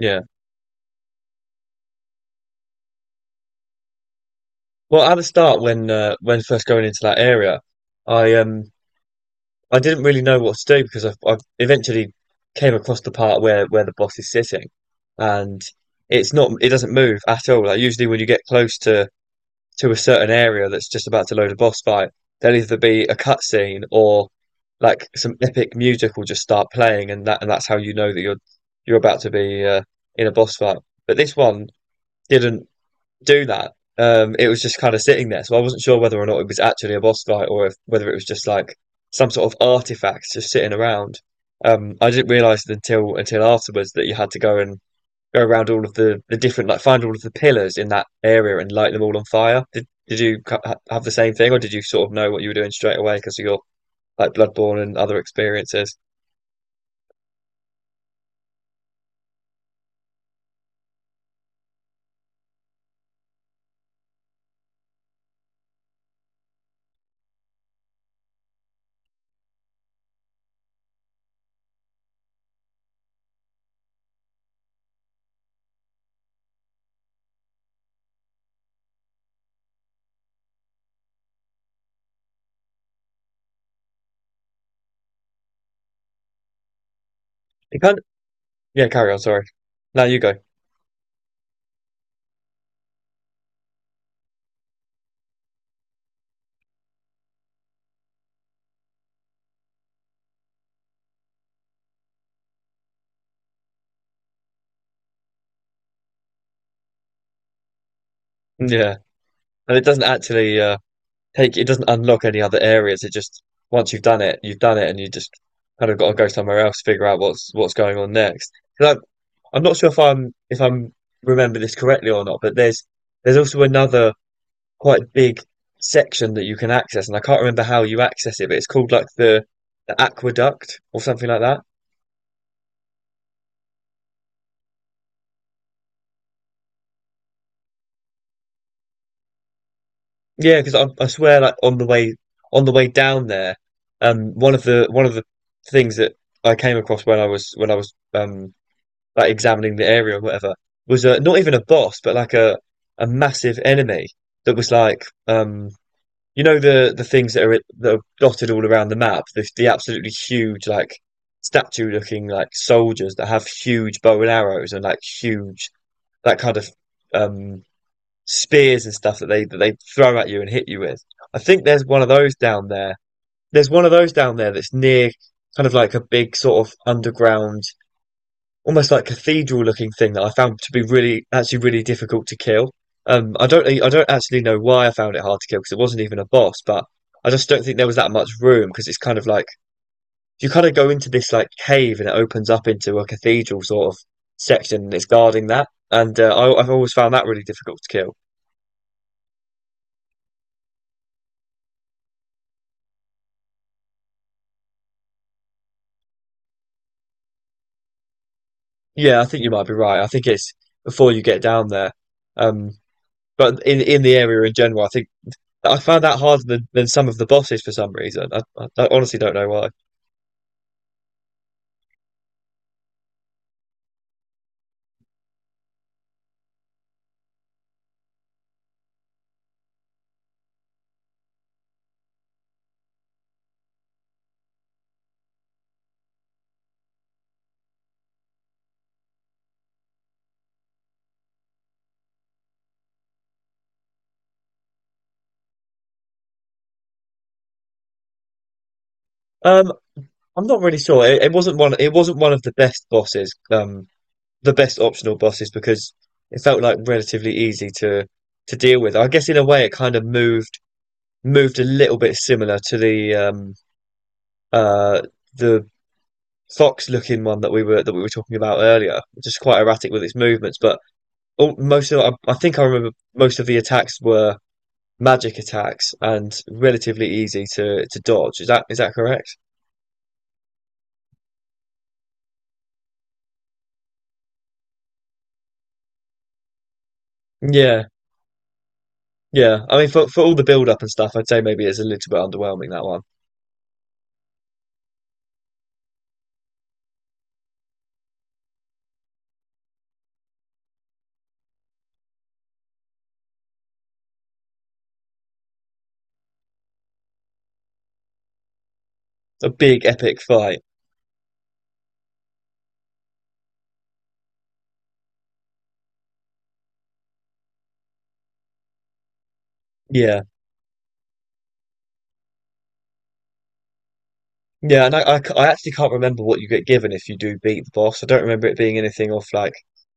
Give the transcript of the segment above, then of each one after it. Yeah. Well, at the start, when first going into that area, I I didn't really know what to do because I eventually came across the part where the boss is sitting, and it doesn't move at all. Like usually when you get close to a certain area that's just about to load a boss fight, there'll either be a cutscene or like some epic music will just start playing, and that's how you know that you're about to be in a boss fight. But this one didn't do that. It was just kind of sitting there. So I wasn't sure whether or not it was actually a boss fight or if, whether it was just like some sort of artifact just sitting around. I didn't realize until afterwards that you had to go and go around all of the different, like, find all of the pillars in that area and light them all on fire. Did you have the same thing, or did you sort of know what you were doing straight away because of your like Bloodborne and other experiences? It kind— yeah, carry on, sorry. No, you go. Yeah. And it doesn't actually take it doesn't unlock any other areas. It just, once you've done it, you've done it, and you just kind of got to go somewhere else, figure out what's going on next. 'Cause I'm, I'm not sure if I'm remember this correctly or not, but there's also another quite big section that you can access, and I can't remember how you access it, but it's called like the aqueduct or something like that. Yeah, because I swear, like on the way down there, one of the things that I came across when I was like examining the area or whatever was not even a boss, but like a massive enemy that was like, um, you know the things that are dotted all around the map, the absolutely huge like statue looking like soldiers that have huge bow and arrows and like huge, that kind of, um, spears and stuff that they throw at you and hit you with. I think there's one of those down there. There's one of those down there that's near kind of like a big sort of underground, almost like cathedral looking thing that I found to be really, actually really difficult to kill. I don't actually know why I found it hard to kill because it wasn't even a boss, but I just don't think there was that much room because it's kind of like you kind of go into this like cave, and it opens up into a cathedral sort of section, and it's guarding that. And I've always found that really difficult to kill. Yeah, I think you might be right. I think it's before you get down there. Um, but in the area in general, I think I found that harder than some of the bosses for some reason. I honestly don't know why. Um, I'm not really sure. It wasn't one of the best bosses. The best optional bosses because it felt like relatively easy to deal with. I guess in a way, it kind of moved a little bit similar to uh the fox looking one that we were talking about earlier, just quite erratic with its movements. But all, most of— I think I remember most of the attacks were magic attacks and relatively easy to dodge. Is that correct? Yeah, yeah. I mean, for all the build up and stuff, I'd say maybe it's a little bit underwhelming, that one. A big epic fight. Yeah, yeah. And I actually can't remember what you get given if you do beat the boss. I don't remember it being anything off like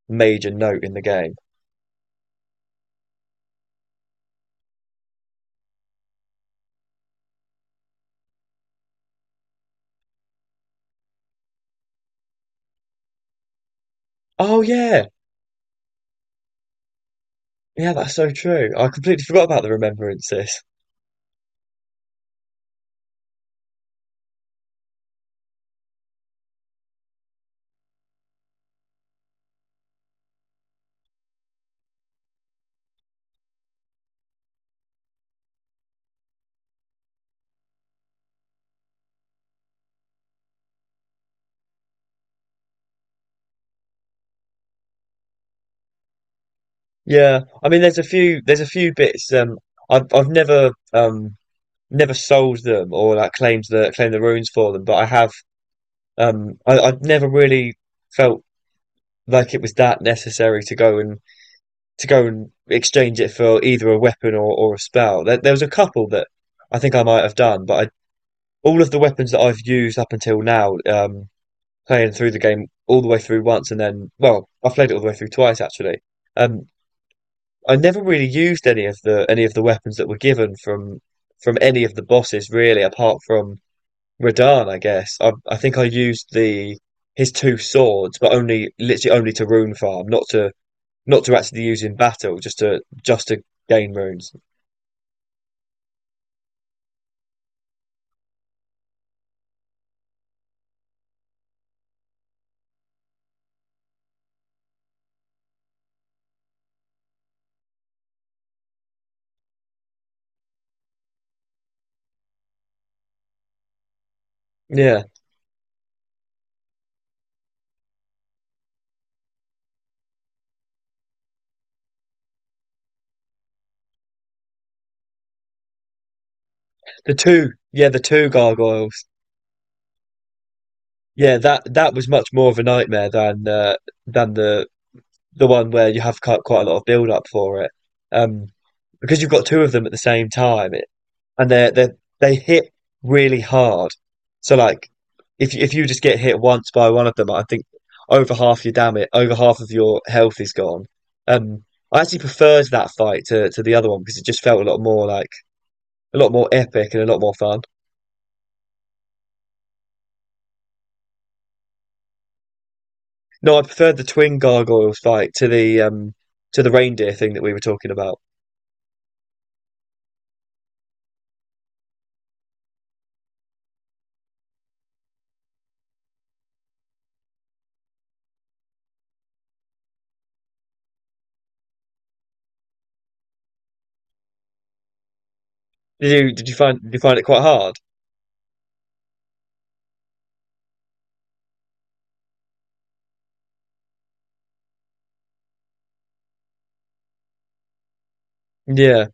major note in the game. Oh yeah, yeah. That's so true. I completely forgot about the remembrances. Yeah, I mean, there's a few, there's a few bits. I've never never sold them or like claimed the runes for them, but I have, um, I've never really felt like it was that necessary to go and exchange it for either a weapon or a spell. There was a couple that I think I might have done, but all of the weapons that I've used up until now, playing through the game all the way through once, and then, well, I've played it all the way through twice actually. Um, I never really used any of the weapons that were given from any of the bosses really, apart from Radahn, I guess. I think I used the his two swords, but only literally only to rune farm, not to not to actually use in battle, just to gain runes. Yeah, yeah, the two gargoyles. Yeah, that that was much more of a nightmare than the one where you have quite a lot of build up for it, um, because you've got two of them at the same time, and they hit really hard. So like, if you just get hit once by one of them, I think over half your damage, over half of your health is gone. Um, I actually preferred that fight to the other one because it just felt a lot more like a lot more epic and a lot more fun. No, I preferred the twin gargoyles fight to the reindeer thing that we were talking about. Did you find did you find it quite hard? Yeah.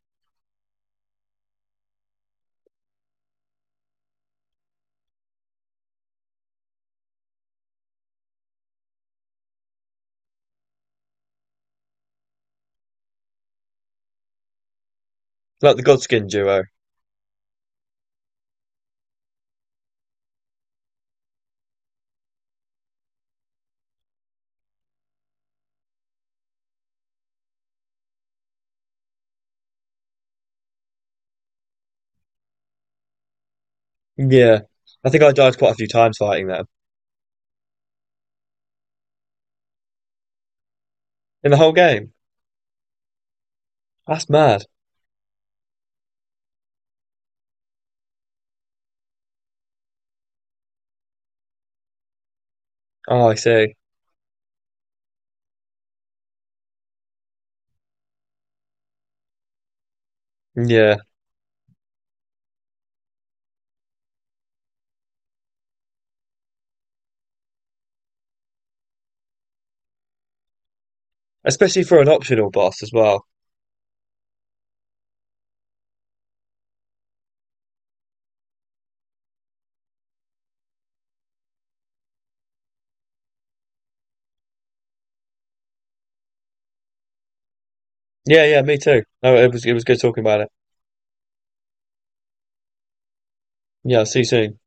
Like the Godskin duo. Yeah. I think I died quite a few times fighting them. In the whole game. That's mad. Oh, I see. Yeah. Especially for an optional boss as well. Yeah, yeah, me too. No, it was good talking about it. Yeah, see you soon.